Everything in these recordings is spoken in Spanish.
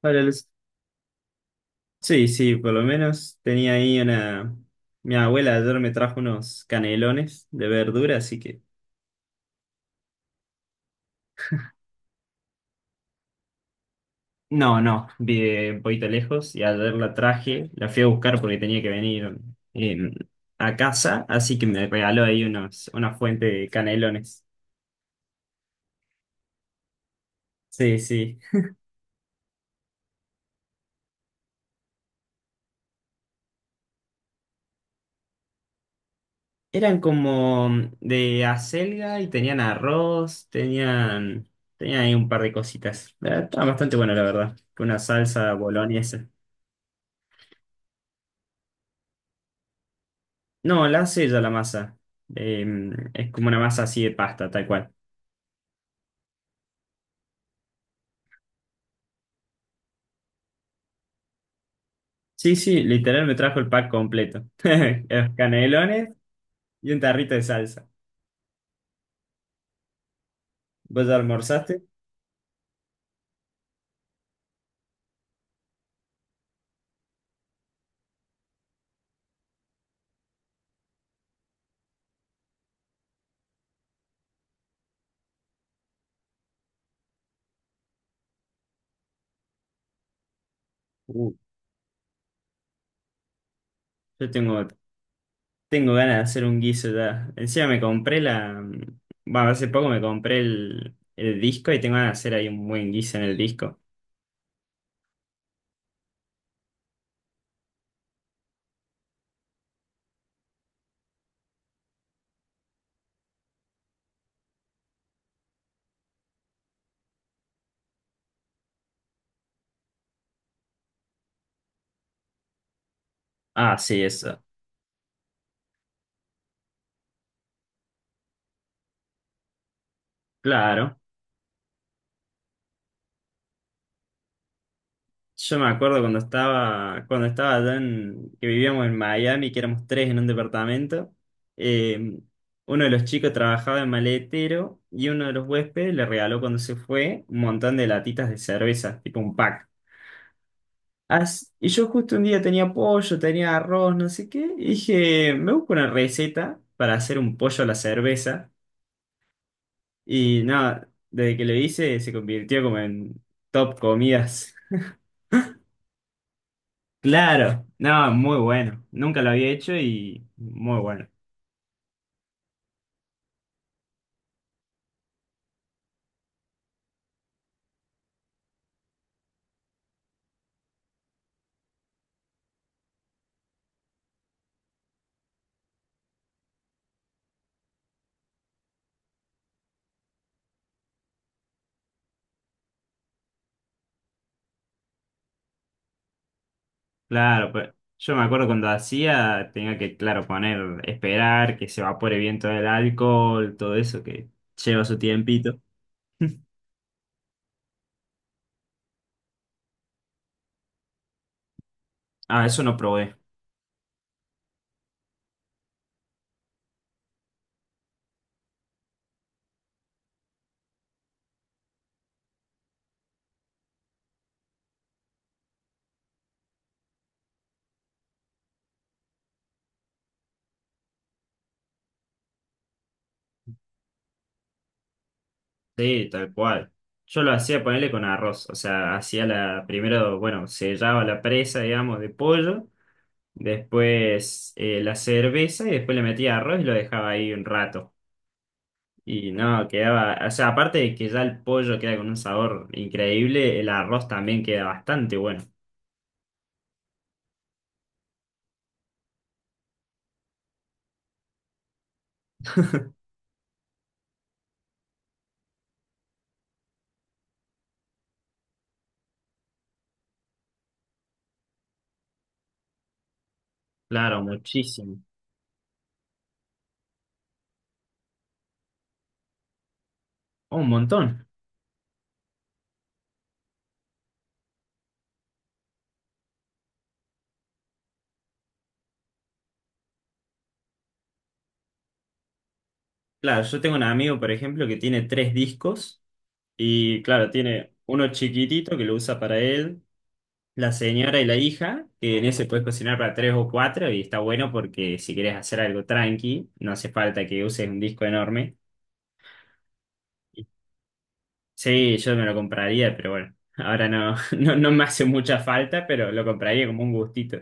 Para los- Sí, sí, por lo menos tenía ahí una... Mi abuela ayer me trajo unos canelones de verdura, así que... No, no, vi de un poquito lejos y ayer la traje, la fui a buscar porque tenía que venir eh, a casa, así que me regaló ahí unos, una fuente de canelones. Sí, sí. Eran como de acelga y tenían arroz, tenían, tenían ahí un par de cositas. Estaba bastante bueno, la verdad, con una salsa boloñesa. No, la hace ella la masa. Eh, es como una masa así de pasta, tal cual. Sí, sí, literal me trajo el pack completo. Los canelones y un tarrito de salsa. ¿Vos ya almorzaste? Uh, yo tengo, tengo ganas de hacer un guiso ya. Encima me compré la... Bueno, hace poco me compré el disco y tengo ganas de hacer ahí un buen guiso en el disco. Ah, sí, eso. Claro. Yo me acuerdo cuando estaba allá en, que vivíamos en Miami, que éramos tres en un departamento, eh, uno de los chicos trabajaba en maletero y uno de los huéspedes le regaló cuando se fue un montón de latitas de cerveza, tipo un pack. As- y yo justo un día tenía pollo, tenía arroz, no sé qué, y dije, me busco una receta para hacer un pollo a la cerveza. Y nada, desde que lo hice se convirtió como en top comidas. Claro, no, muy bueno. Nunca lo había hecho y muy bueno. Claro, pues yo me acuerdo cuando hacía, tenía que, claro, poner, esperar que se evapore bien todo el alcohol, todo eso que lleva su tiempito. Ah, eso no probé. Sí, tal cual. Yo lo hacía ponerle con arroz. O sea, hacía la, primero, bueno, sellaba la presa, digamos, de pollo, después la cerveza y después le metía arroz y lo dejaba ahí un rato. Y no, quedaba, o sea, aparte de que ya el pollo queda con un sabor increíble, el arroz también queda bastante bueno. Claro, muchísimo. Oh, un montón. Claro, yo tengo un amigo, por ejemplo, que tiene tres discos y claro, tiene uno chiquitito que lo usa para él, la señora y la hija, que en ese puedes cocinar para tres o cuatro y está bueno porque si quieres hacer algo tranqui, no hace falta que uses un disco enorme. Sí, yo me lo compraría, pero bueno, ahora no, no, no me hace mucha falta, pero lo compraría como un gustito.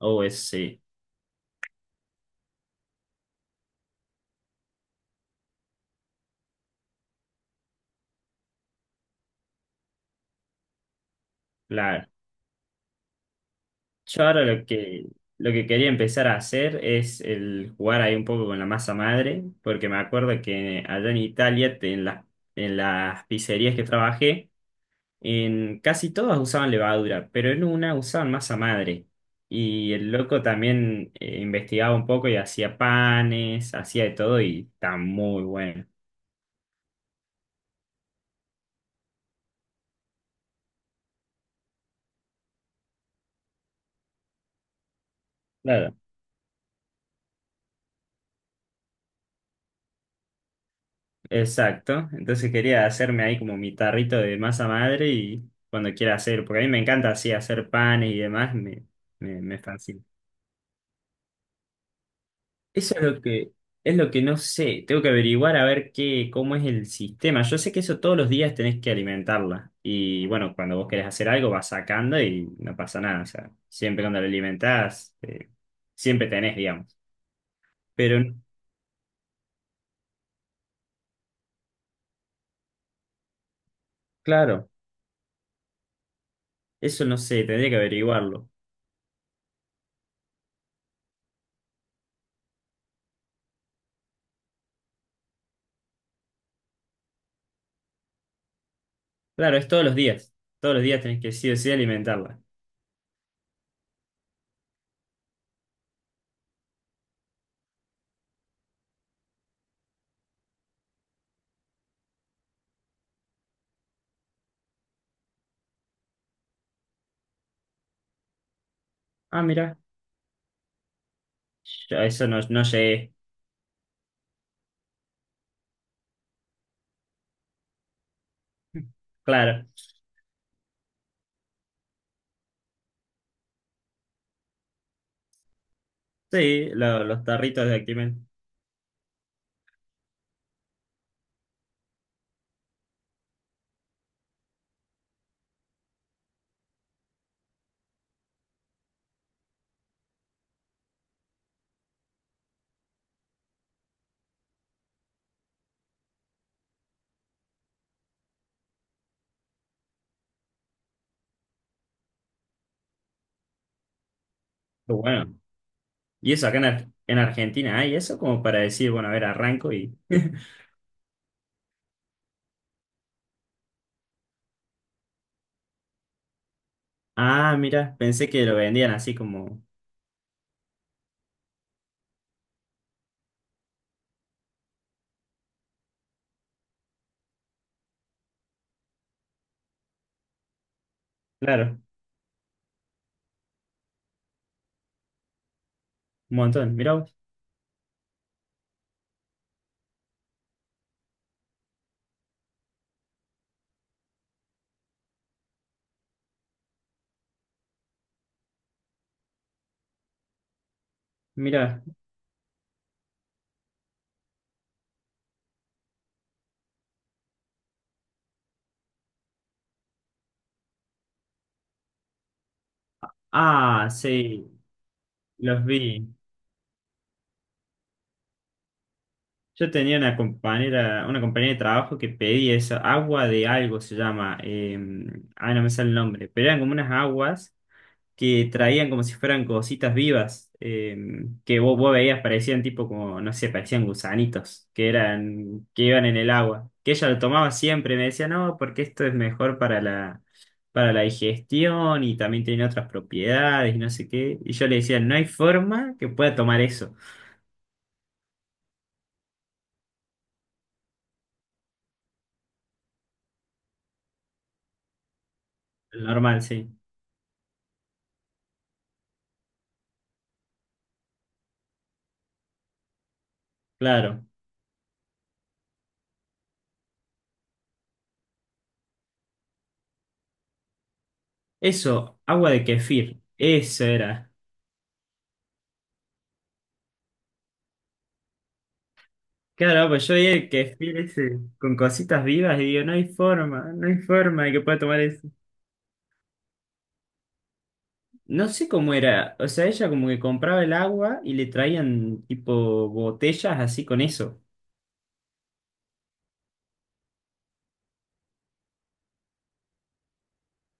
Oh, eso sí, claro. Yo ahora lo que quería empezar a hacer es el jugar ahí un poco con la masa madre, porque me acuerdo que allá en Italia, te- en las pizzerías que trabajé, en casi todas usaban levadura, pero en una usaban masa madre. Y el loco también investigaba un poco y hacía panes, hacía de todo y está muy bueno. Exacto, entonces quería hacerme ahí como mi tarrito de masa madre y cuando quiera hacer, porque a mí me encanta así hacer panes y demás, me fascina. Eso es lo que, Es lo que no sé, tengo que averiguar a ver qué, cómo es el sistema. Yo sé que eso todos los días tenés que alimentarla y bueno, cuando vos querés hacer algo vas sacando y no pasa nada, o sea, siempre cuando la alimentás, siempre tenés, digamos. Pero claro, eso no sé, tendría que averiguarlo. Claro, es todos los días tenés que sí o sí alimentarla. Ah, mira, yo a eso no, no llegué. Claro, sí, lo- los tarritos de Actimel. Qué bueno, y eso acá en, Ar- en Argentina hay eso como para decir, bueno, a ver, arranco y... Ah, mira, pensé que lo vendían así como... Claro, un montón. Mirá, vos, mirá. Ah, sí, los vi. Yo tenía una compañera de trabajo que pedía eso, agua de algo se llama. Ah, no me sale el nombre, pero eran como unas aguas que traían como si fueran cositas vivas, que vos veías, parecían tipo como, no sé, parecían gusanitos, que eran, que iban en el agua. Que ella lo tomaba siempre, me decía, no, porque esto es mejor para la digestión y también tiene otras propiedades y no sé qué. Y yo le decía, no hay forma que pueda tomar eso. El normal, sí. Claro. Eso, agua de kefir. Eso era. Claro, pues yo vi el kefir ese con cositas vivas y digo, no hay forma, no hay forma de que pueda tomar eso. No sé cómo era, o sea, ella como que compraba el agua y le traían tipo botellas así con eso.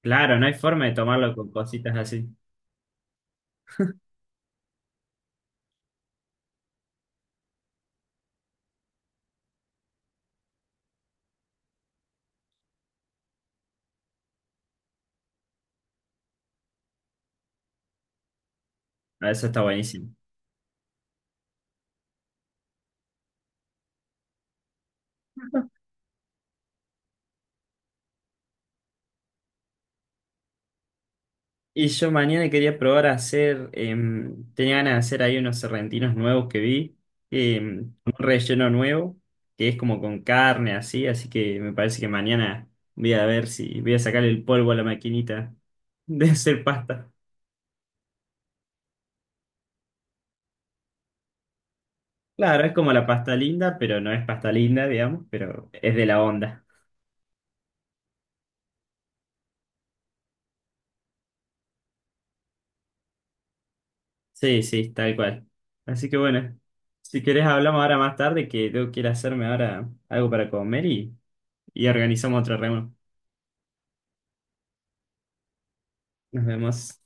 Claro, no hay forma de tomarlo con cositas así. Ah, eso está buenísimo. Y yo mañana quería probar a hacer, tenía ganas de hacer ahí unos serrentinos nuevos que vi, con un relleno nuevo, que es como con carne así, así que me parece que mañana voy a ver si voy a sacar el polvo a la maquinita de hacer pasta. Claro, es como la pasta linda, pero no es pasta linda, digamos, pero es de la onda. Sí, sí, tal cual. Así que bueno, si querés hablamos ahora más tarde, que yo quiero hacerme ahora algo para comer y organizamos otra reunión. Nos vemos.